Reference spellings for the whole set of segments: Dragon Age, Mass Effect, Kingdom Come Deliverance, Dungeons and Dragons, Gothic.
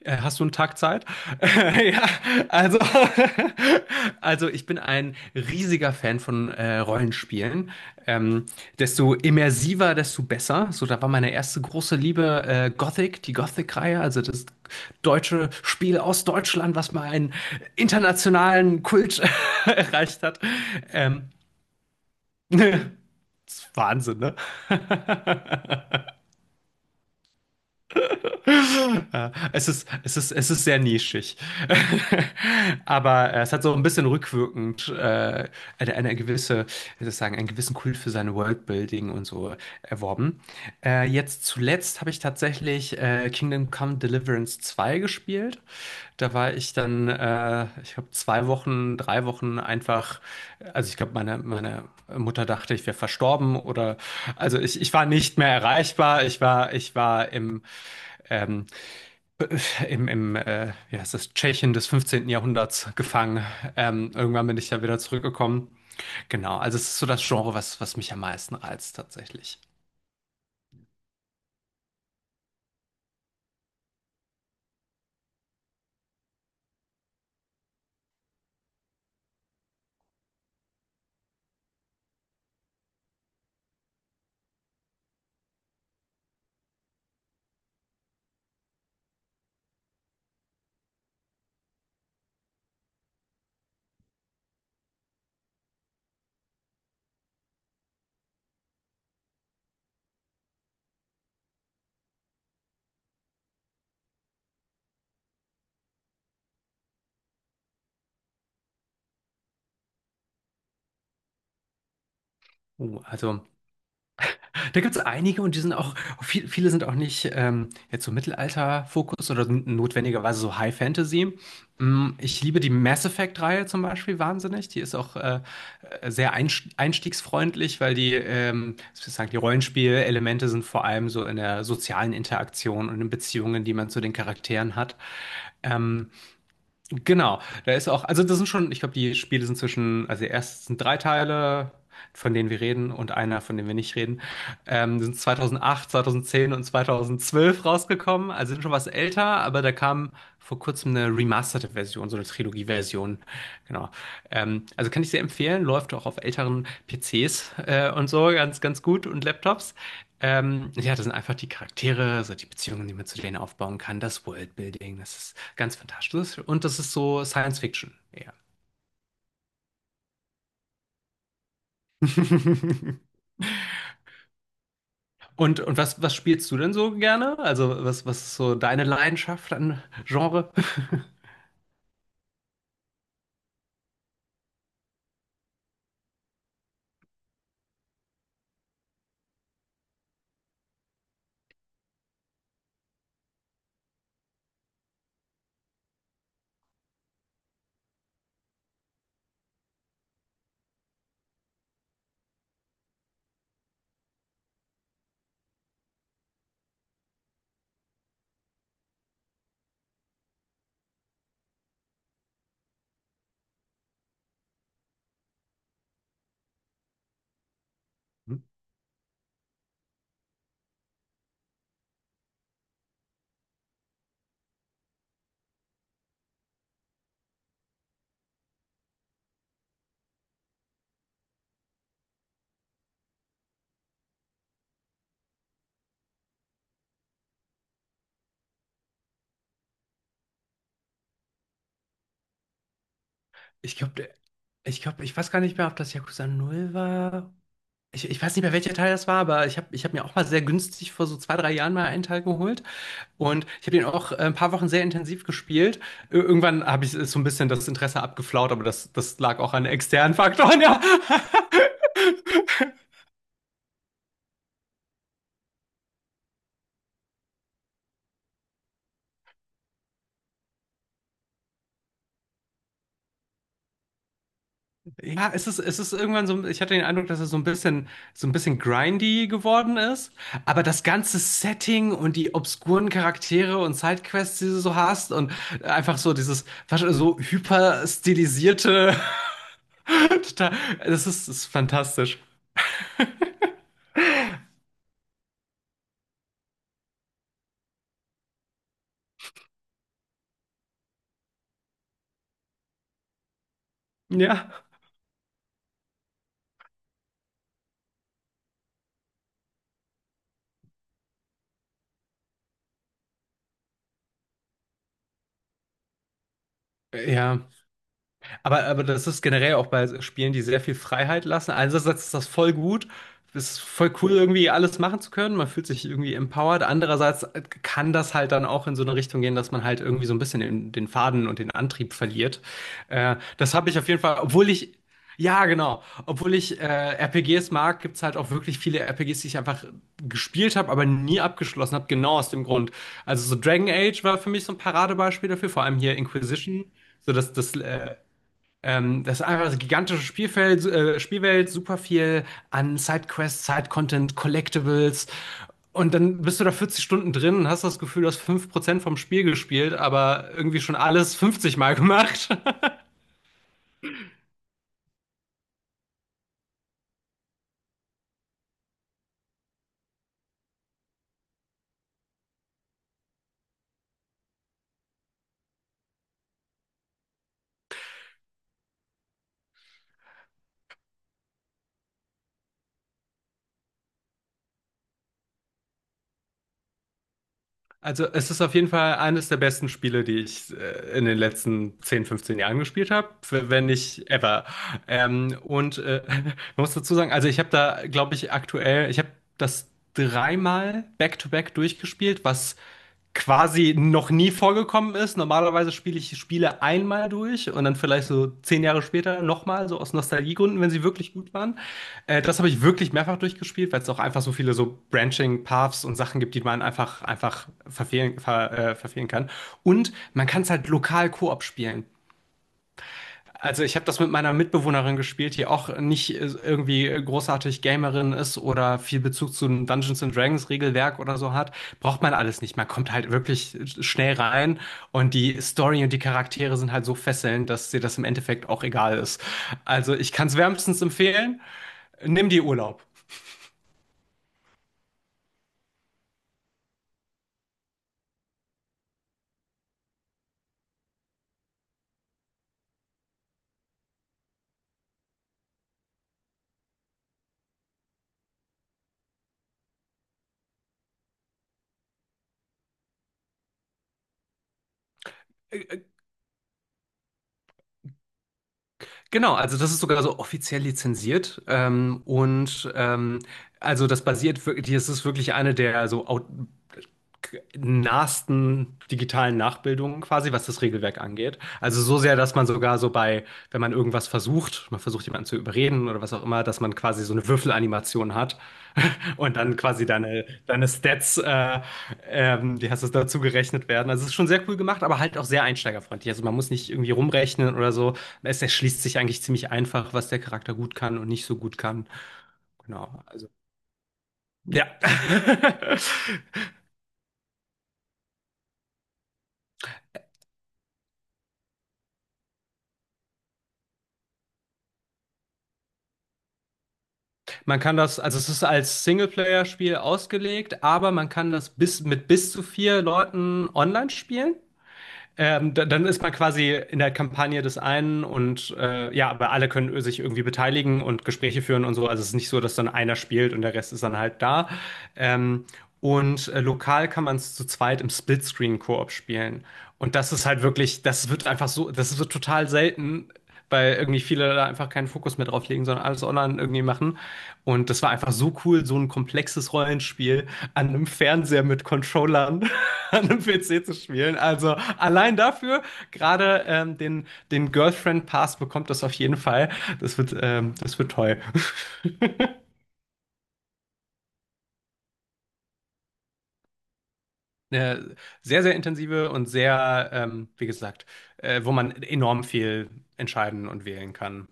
Hast du einen Tag Zeit? Ja, also, also ich bin ein riesiger Fan von Rollenspielen. Ähm, Desto immersiver, desto besser. So, da war meine erste große Liebe, Gothic, die Gothic-Reihe, also das deutsche Spiel aus Deutschland, was mal einen internationalen Kult erreicht hat. Ähm, Das ist Wahnsinn, ne? Es ist sehr nischig. Aber es hat so ein bisschen rückwirkend eine gewisse, wie soll ich sagen, einen gewissen Kult für sein Worldbuilding und so erworben. Jetzt zuletzt habe ich tatsächlich Kingdom Come Deliverance zwei gespielt. Da war ich dann, ich habe 2 Wochen, 3 Wochen einfach, also ich glaube, meine Mutter dachte, ich wäre verstorben oder, also ich war nicht mehr erreichbar. Ich war im, ähm, im wie heißt das, Tschechien des 15. Jahrhunderts gefangen. Irgendwann bin ich ja wieder zurückgekommen. Genau, also es ist so das Genre, was mich am meisten reizt tatsächlich. Also, da gibt es einige und die sind auch, viele sind auch nicht jetzt so Mittelalter-Fokus oder notwendigerweise so High Fantasy. Ich liebe die Mass Effect-Reihe zum Beispiel wahnsinnig. Die ist auch sehr einstiegsfreundlich, weil sozusagen die Rollenspielelemente sind vor allem so in der sozialen Interaktion und in Beziehungen, die man zu den Charakteren hat. Genau, da ist auch, also das sind schon, ich glaube, die Spiele sind zwischen, also erst sind drei Teile, von denen wir reden und einer, von dem wir nicht reden, sind 2008, 2010 und 2012 rausgekommen, also sind schon was älter, aber da kam vor kurzem eine remasterte Version, so eine Trilogie-Version, genau. Also kann ich sehr empfehlen, läuft auch auf älteren PCs, und so ganz, ganz gut und Laptops. Ja, das sind einfach die Charaktere, so die Beziehungen, die man zu denen aufbauen kann, das Worldbuilding, das ist ganz fantastisch. Und das ist so Science Fiction eher. Und was spielst du denn so gerne? Also, was ist so deine Leidenschaft an Genre? Ich glaube, ich glaube, ich weiß gar nicht mehr, ob das Yakuza Null war. Ich weiß nicht mehr, welcher Teil das war, aber ich hab mir auch mal sehr günstig vor so 2, 3 Jahren mal einen Teil geholt. Und ich habe den auch ein paar Wochen sehr intensiv gespielt. Irgendwann habe ich so ein bisschen das Interesse abgeflaut, aber das lag auch an externen Faktoren, ja. Ja, es ist irgendwann so, ich hatte den Eindruck, dass es so ein bisschen grindy geworden ist. Aber das ganze Setting und die obskuren Charaktere und Sidequests, die du so hast und einfach so dieses, so hyperstilisierte, total, das ist fantastisch. Ja. Ja. Aber das ist generell auch bei Spielen, die sehr viel Freiheit lassen. Einerseits ist das voll gut, es ist voll cool, irgendwie alles machen zu können. Man fühlt sich irgendwie empowered. Andererseits kann das halt dann auch in so eine Richtung gehen, dass man halt irgendwie so ein bisschen den Faden und den Antrieb verliert. Das habe ich auf jeden Fall, obwohl ich, ja, genau, obwohl ich RPGs mag, gibt's halt auch wirklich viele RPGs, die ich einfach gespielt habe, aber nie abgeschlossen habe, genau aus dem Grund. Also so Dragon Age war für mich so ein Paradebeispiel dafür, vor allem hier Inquisition. So, das ist einfach das gigantische Spielfeld, Spielwelt, super viel an Sidequests, Side-Content, Collectibles. Und dann bist du da 40 Stunden drin und hast das Gefühl, du hast 5% vom Spiel gespielt, aber irgendwie schon alles 50 Mal gemacht. Also es ist auf jeden Fall eines der besten Spiele, die ich in den letzten 10, 15 Jahren gespielt habe, wenn nicht ever. Man muss dazu sagen, also ich habe da, glaube ich, aktuell, ich habe das dreimal back-to-back durchgespielt, was quasi noch nie vorgekommen ist. Normalerweise spiele ich Spiele einmal durch und dann vielleicht so 10 Jahre später nochmal, so aus Nostalgiegründen, wenn sie wirklich gut waren. Das habe ich wirklich mehrfach durchgespielt, weil es auch einfach so viele so Branching Paths und Sachen gibt, die man einfach verfehlen kann. Und man kann es halt lokal Koop spielen. Also ich habe das mit meiner Mitbewohnerin gespielt, die auch nicht irgendwie großartig Gamerin ist oder viel Bezug zu einem Dungeons and Dragons Regelwerk oder so hat. Braucht man alles nicht. Man kommt halt wirklich schnell rein und die Story und die Charaktere sind halt so fesselnd, dass dir das im Endeffekt auch egal ist. Also ich kann es wärmstens empfehlen. Nimm dir Urlaub. Äh, äh, Genau, also das ist sogar so offiziell lizenziert, also das basiert wirklich, das ist wirklich eine der so nahesten digitalen Nachbildungen quasi, was das Regelwerk angeht. Also so sehr, dass man sogar so bei, wenn man irgendwas versucht, man versucht jemanden zu überreden oder was auch immer, dass man quasi so eine Würfelanimation hat und dann quasi deine Stats, die hast es dazu gerechnet werden. Also es ist schon sehr cool gemacht, aber halt auch sehr einsteigerfreundlich. Also man muss nicht irgendwie rumrechnen oder so. Es erschließt sich eigentlich ziemlich einfach, was der Charakter gut kann und nicht so gut kann. Genau, also ja. Man kann das, also es ist als Singleplayer-Spiel ausgelegt, aber man kann das mit bis zu vier Leuten online spielen. Dann ist man quasi in der Kampagne des einen und ja, aber alle können sich irgendwie beteiligen und Gespräche führen und so. Also es ist nicht so, dass dann einer spielt und der Rest ist dann halt da. Ähm, Lokal kann man es zu zweit im Splitscreen-Koop spielen. Und das ist halt wirklich, das wird einfach so, das wird total selten, weil irgendwie viele da einfach keinen Fokus mehr drauf legen, sondern alles online irgendwie machen. Und das war einfach so cool, so ein komplexes Rollenspiel an einem Fernseher mit Controllern. an einem PC zu spielen. Also allein dafür, gerade den Girlfriend Pass bekommt das auf jeden Fall. Das wird toll. Eine sehr, sehr intensive und wie gesagt, wo man enorm viel entscheiden und wählen kann.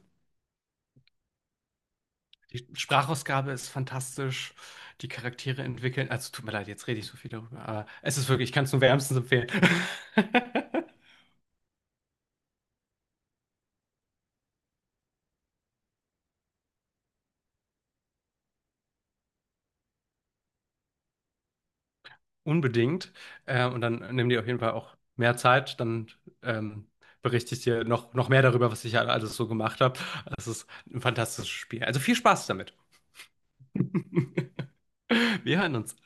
Die Sprachausgabe ist fantastisch. Die Charaktere entwickeln. Also tut mir leid, jetzt rede ich so viel darüber, aber es ist wirklich, ich kann es nur wärmstens empfehlen. Unbedingt. Und dann nimm dir auf jeden Fall auch mehr Zeit. Dann ähm, berichte ich dir noch mehr darüber, was ich halt alles so gemacht habe. Es ist ein fantastisches Spiel. Also viel Spaß damit. Wir hören uns.